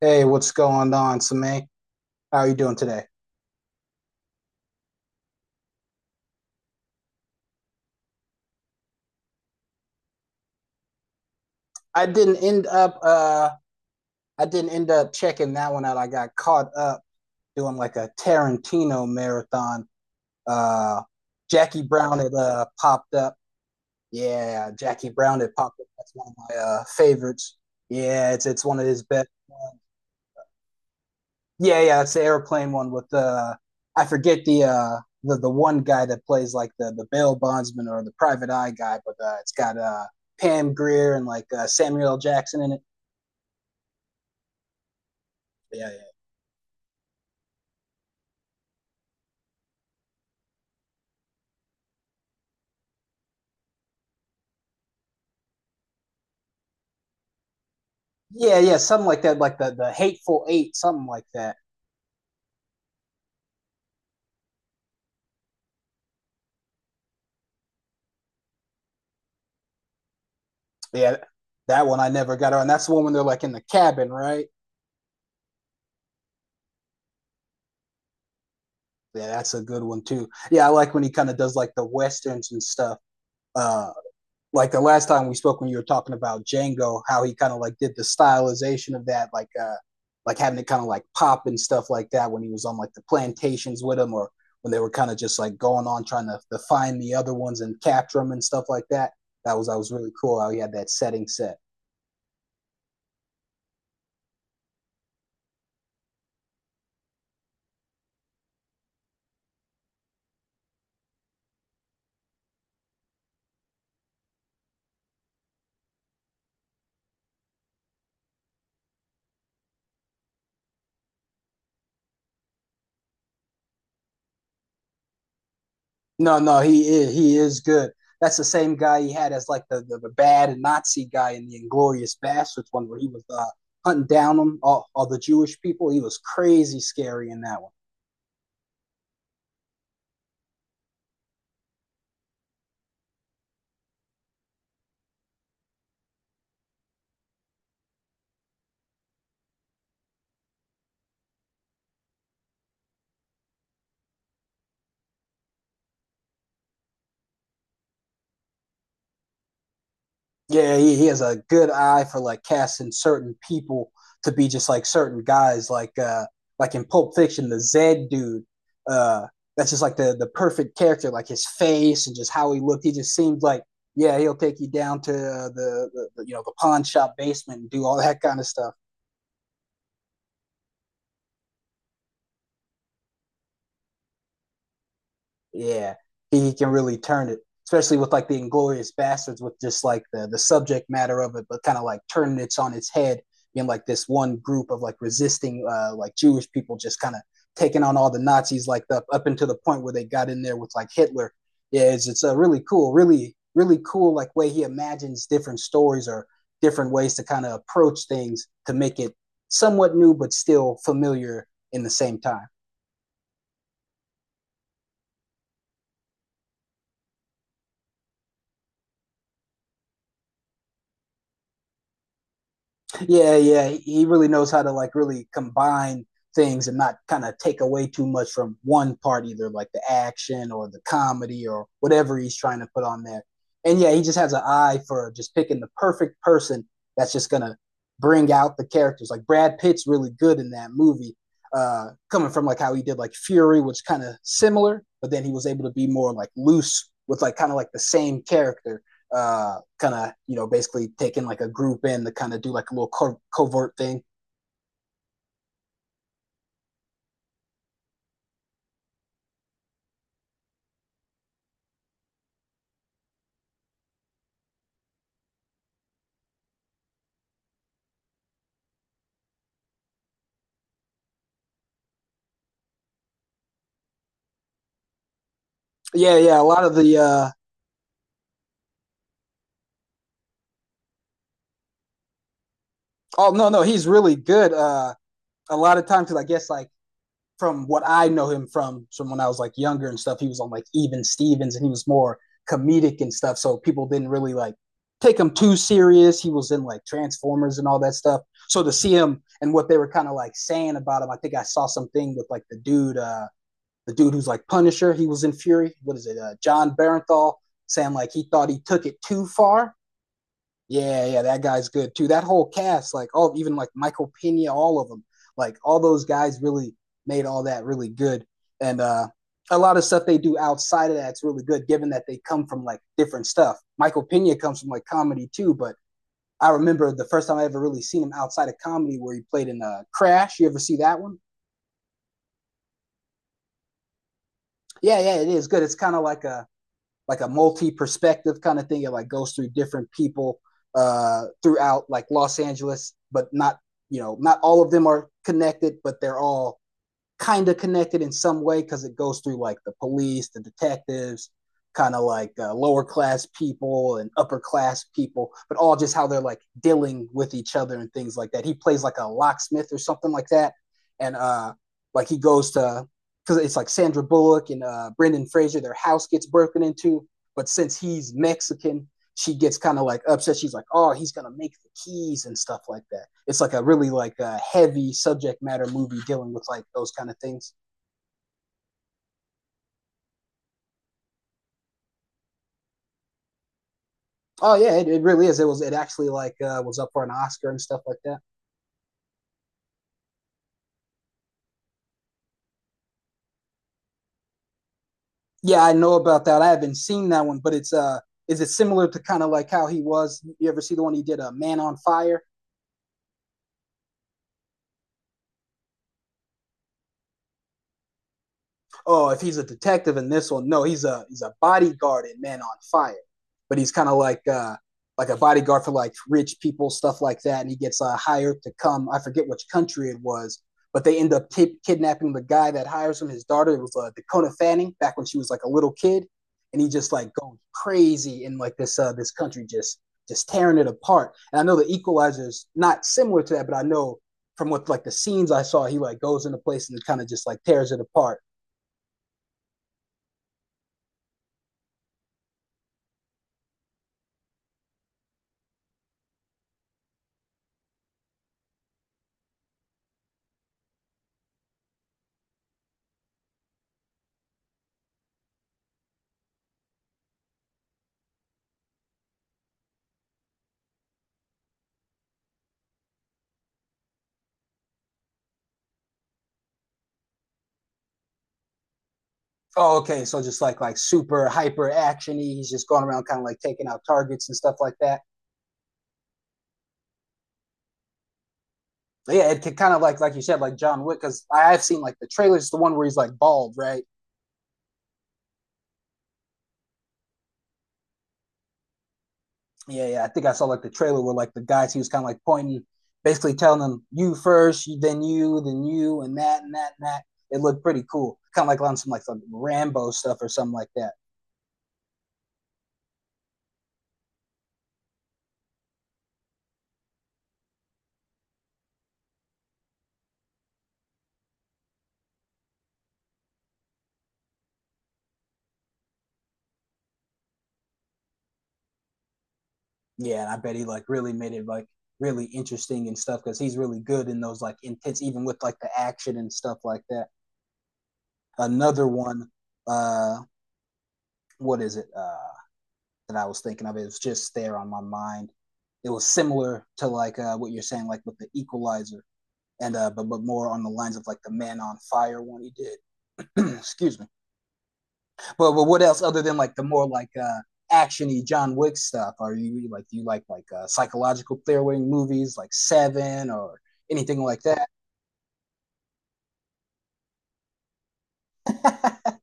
Hey, what's going on, Samay? How are you doing today? I didn't end up uh I didn't end up checking that one out. I got caught up doing like a Tarantino marathon. Uh Jackie Brown had popped up. Yeah, Jackie Brown had popped up. That's one of my favorites. Yeah, it's one of his best yeah, yeah, it's the airplane one with the I forget the one guy that plays like the bail bondsman or the private eye guy, but it's got Pam Grier and Samuel L. Jackson in it. Yeah, yeah, yeah, yeah, something like that, like the Hateful Eight, something like that. Yeah, that one I never got on. That's the one when they're like in the cabin, right? Yeah, that's a good one too. Yeah, I like when he kind of does like the westerns and stuff. Uh, like the last time we spoke when you were talking about Django, how he kind of like did the stylization of that, like having it kind of like pop and stuff like that when he was on like the plantations with him, or when they were kind of just like going on trying to find the other ones and capture them and stuff like that. That was really cool how he had that setting set. No, no, he is good. That's the same guy he had as like the bad Nazi guy in the Inglorious Bastards one where he was hunting down them all the Jewish people. He was crazy scary in that one. Yeah, he has a good eye for like casting certain people to be just like certain guys, like in Pulp Fiction, the Zed dude. Uh that's just like the perfect character, like his face and just how he looked. He just seemed like yeah, he'll take you down to the you know the pawn shop basement and do all that kind of stuff. Yeah, he can really turn it, especially with like the Inglorious Bastards, with just like the subject matter of it, but kind of like turning it on its head in like this one group of like resisting like Jewish people just kind of taking on all the Nazis like the, up until the point where they got in there with like Hitler. Yeah, it's a really cool, really really cool like way he imagines different stories or different ways to kind of approach things to make it somewhat new but still familiar in the same time. Yeah, yeah, he really knows how to like really combine things and not kind of take away too much from one part, either like the action or the comedy or whatever he's trying to put on there. And yeah, he just has an eye for just picking the perfect person that's just gonna bring out the characters. Like Brad Pitt's really good in that movie, coming from like how he did like Fury, which kind of similar, but then he was able to be more like loose with like kind of like the same character kind of you know basically taking like a group in to kind of do like a little covert thing. Yeah, yeah. A lot of the oh no no he's really good. A lot of times because I guess like from what I know him from when I was like younger and stuff, he was on like Even Stevens and he was more comedic and stuff. So people didn't really like take him too serious. He was in like Transformers and all that stuff. So to see him and what they were kind of like saying about him, I think I saw something with like the dude. The dude who's like Punisher, he was in Fury. What is it? John Barenthal saying like he thought he took it too far. Yeah, yeah, that guy's good too. That whole cast, like oh, even like Michael Pena, all of them, like all those guys really made all that really good. And a lot of stuff they do outside of that's really good, given that they come from like different stuff. Michael Pena comes from like comedy too, but I remember the first time I ever really seen him outside of comedy, where he played in Crash. You ever see that one? Yeah, yeah, it is good. It's kind of like a multi-perspective kind of thing. It like goes through different people throughout like Los Angeles, but not you know not all of them are connected, but they're all kind of connected in some way because it goes through like the police, the detectives, kind of like lower class people and upper class people, but all just how they're like dealing with each other and things like that. He plays like a locksmith or something like that, and like he goes to because it's like Sandra Bullock and Brendan Fraser, their house gets broken into, but since he's Mexican, she gets kind of like upset. She's like, "Oh, he's gonna make the keys and stuff like that." It's like a really like a heavy subject matter movie dealing with like those kind of things. Oh yeah, it really is. It was it actually like was up for an Oscar and stuff like that. Yeah, I know about that. I haven't seen that one, but it's is it similar to kind of like how he was? You ever see the one he did, a Man on Fire? Oh, if he's a detective in this one, no, he's a bodyguard in Man on Fire, but he's kind of like a bodyguard for like rich people, stuff like that, and he gets hired to come. I forget which country it was, but they end up kidnapping the guy that hires him. His daughter it was Dakota Fanning back when she was like a little kid, and he just like goes crazy in like this this country just tearing it apart. And I know the Equalizer is not similar to that, but I know from what like the scenes I saw, he like goes into place and kind of just like tears it apart. Oh, okay. So just like super hyper actiony. He's just going around kind of like taking out targets and stuff like that. But yeah, it could kind of like you said, like John Wick, because I've seen like the trailers, the one where he's like bald, right? Yeah, yeah. I think I saw like the trailer where like the guys he was kind of like pointing, basically telling them you first, then you, and that and that and that. It looked pretty cool, kind of like on some like some Rambo stuff or something like that. Yeah, and I bet he like really made it like really interesting and stuff because he's really good in those like intense, even with like the action and stuff like that. Another one. Uh, what is it that I was thinking of? It was just there on my mind. It was similar to like what you're saying, like with the Equalizer, and but more on the lines of like the Man on Fire one he did. Excuse me. But what else other than like the more like actiony John Wick stuff? Are you like do you like psychological thriller movies like Seven or anything like that?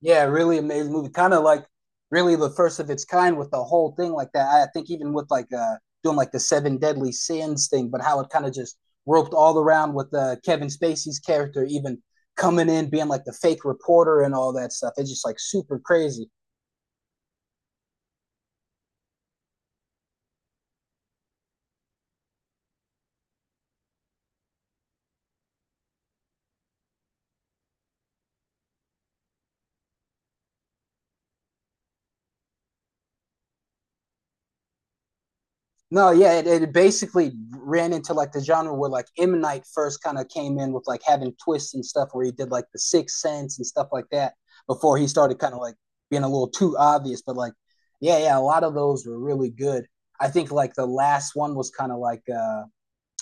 Yeah, really amazing movie. Kind of like really the first of its kind with the whole thing like that. I think even with like doing like the seven deadly sins thing, but how it kind of just roped all around with Kevin Spacey's character even coming in being like the fake reporter and all that stuff. It's just like super crazy. No, yeah, it basically ran into like the genre where like M Night first kind of came in with like having twists and stuff where he did like the Sixth Sense and stuff like that before he started kind of like being a little too obvious. But like, yeah, yeah, a lot of those were really good. I think like the last one was kind of like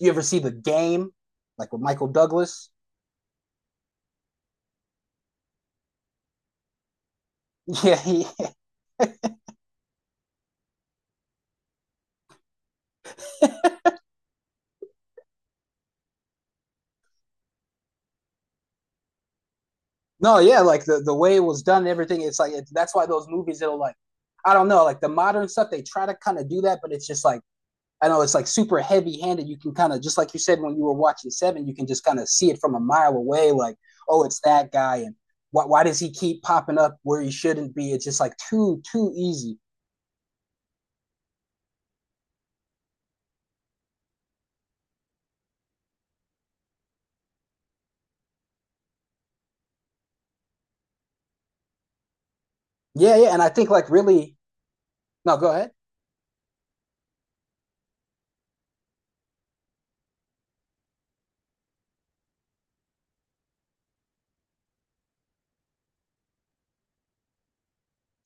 you ever see the game like with Michael Douglas? Yeah, he, no, yeah, like the way it was done, and everything. It's like it, that's why those movies it'll like I don't know, like the modern stuff they try to kind of do that, but it's just like I know it's like super heavy handed. You can kind of just like you said when you were watching Seven, you can just kind of see it from a mile away. Like, oh, it's that guy, and why does he keep popping up where he shouldn't be? It's just like too easy. Yeah, yeah, and I think like really no, go ahead.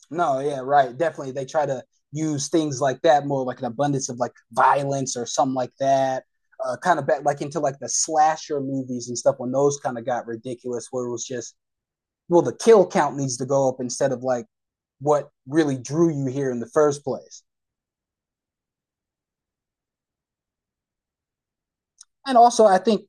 No, yeah, right, definitely. They try to use things like that more, like an abundance of like violence or something like that. Kind of back like into like the slasher movies and stuff when those kind of got ridiculous, where it was just well, the kill count needs to go up instead of like what really drew you here in the first place. And also, I think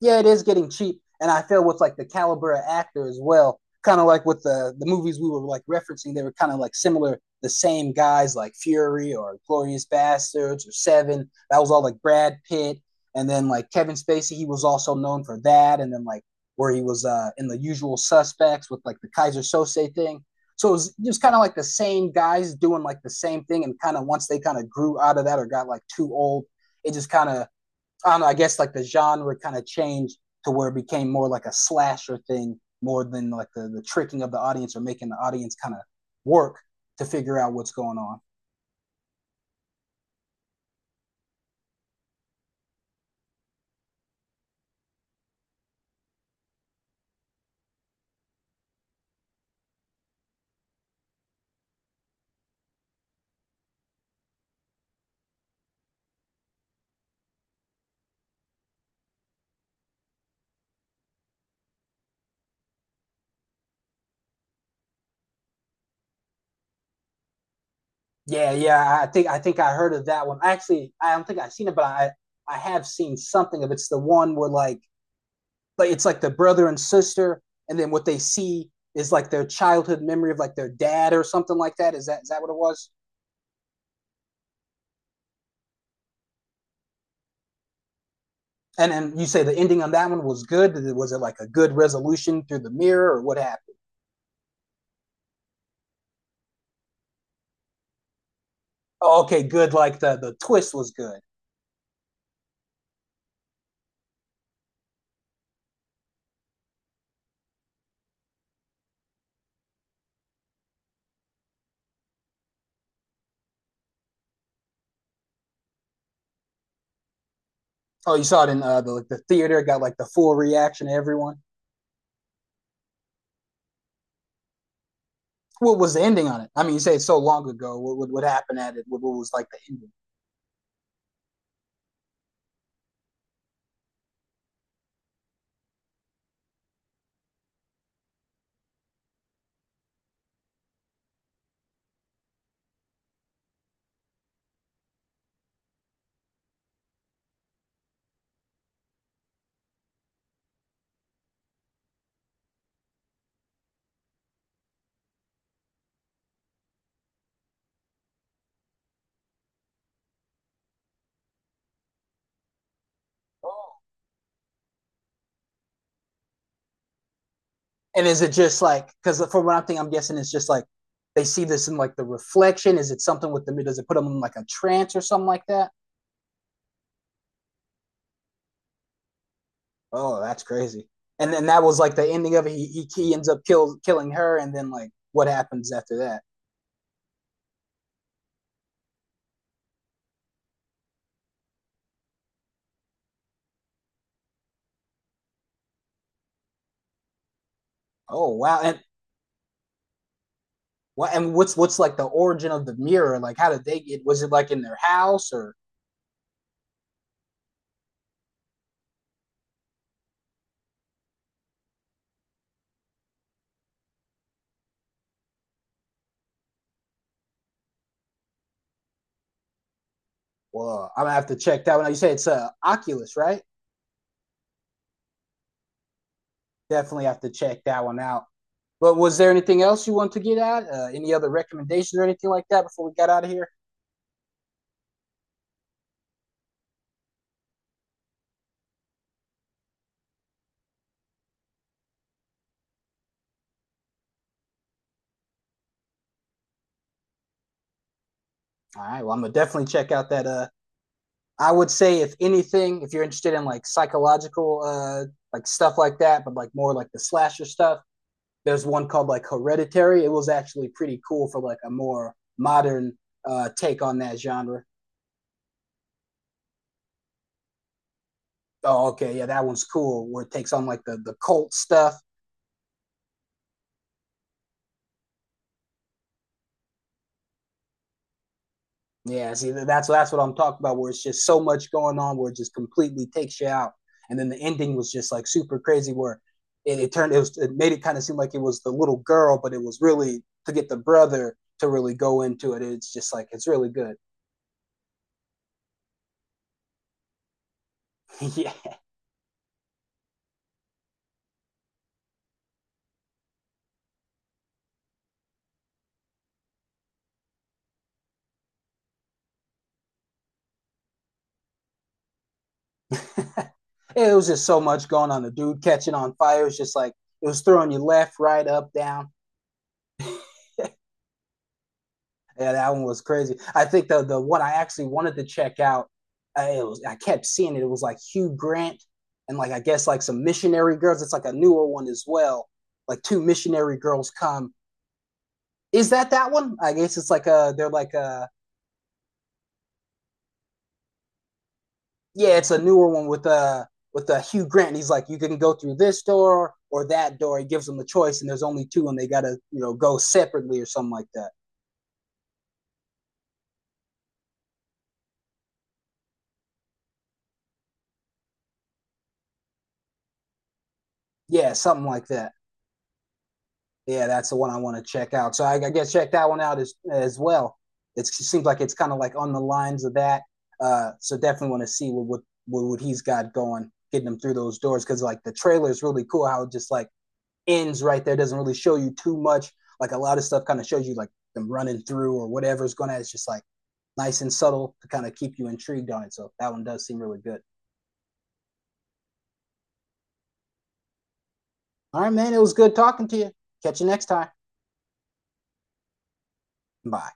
yeah, it is getting cheap. And I feel with like the caliber of actor as well, kind of like with the movies we were like referencing, they were kind of like similar, the same guys like Fury or Glorious Bastards or Seven. That was all like Brad Pitt, and then like Kevin Spacey, he was also known for that, and then like where he was in the Usual Suspects with like the Kaiser Soze thing. So it was just kind of like the same guys doing like the same thing, and kind of once they kind of grew out of that or got like too old, it just kind of I don't know, I guess like the genre kind of changed to where it became more like a slasher thing more than like the tricking of the audience or making the audience kind of work to figure out what's going on. Yeah, yeah, I think I heard of that one. Actually, I don't think I've seen it, but I have seen something of it. It's the one where like it's like the brother and sister, and then what they see is like their childhood memory of like their dad or something like that. Is that what it was? And then you say the ending on that one was good. Was it like a good resolution through the mirror or what happened? Oh, okay, good. Like the twist was good. Oh, you saw it in the like the theater. Got like the full reaction. Everyone. What was the ending on it? I mean, you say it's so long ago. What happened at it? What was like the ending? Oh, and is it just like because for what I'm thinking, I'm guessing it's just like they see this in like the reflection. Is it something with the does it put them in like a trance or something like that? Oh, that's crazy. And then that was like the ending of it. He ends up killing her, and then like what happens after that? Oh, wow! And what and what's like the origin of the mirror? Like, how did they get? Was it like in their house or? Well, I'm gonna have to check that one out. You say it's Oculus, right? Definitely have to check that one out. But was there anything else you want to get at? Any other recommendations or anything like that before we got out of here? All right. Well, I'm gonna definitely check out that. I would say if anything, if you're interested in like psychological, like stuff like that, but like more like the slasher stuff, there's one called like Hereditary. It was actually pretty cool for like a more modern take on that genre. Oh, okay, yeah, that one's cool. Where it takes on like the cult stuff. Yeah, see, that's what I'm talking about. Where it's just so much going on, where it just completely takes you out. And then the ending was just like super crazy, where it turned it was it made it kind of seem like it was the little girl, but it was really to get the brother to really go into it. It's just like it's really good. Yeah, it was just so much going on. The dude catching on fire. It's just like it was throwing you left, right, up, down. Yeah, that one was crazy. I think the one I actually wanted to check out, I, it was I kept seeing it. It was like Hugh Grant and like I guess like some missionary girls. It's like a newer one as well. Like two missionary girls come. Is that that one? I guess it's like a they're like a yeah, it's a newer one with a Hugh Grant. And he's like, you can go through this door or that door. He gives them a choice, and there's only two, and they gotta you know go separately or something like that. Yeah, something like that. Yeah, that's the one I want to check out. So I guess check that one out as well. It's, it seems like it's kind of like on the lines of that. So definitely want to see what what he's got going, getting him through those doors because like the trailer is really cool. How it just like ends right there, doesn't really show you too much. Like a lot of stuff kind of shows you like them running through or whatever's going to. It's just like nice and subtle to kind of keep you intrigued on it. So that one does seem really good. All right, man. It was good talking to you. Catch you next time. Bye.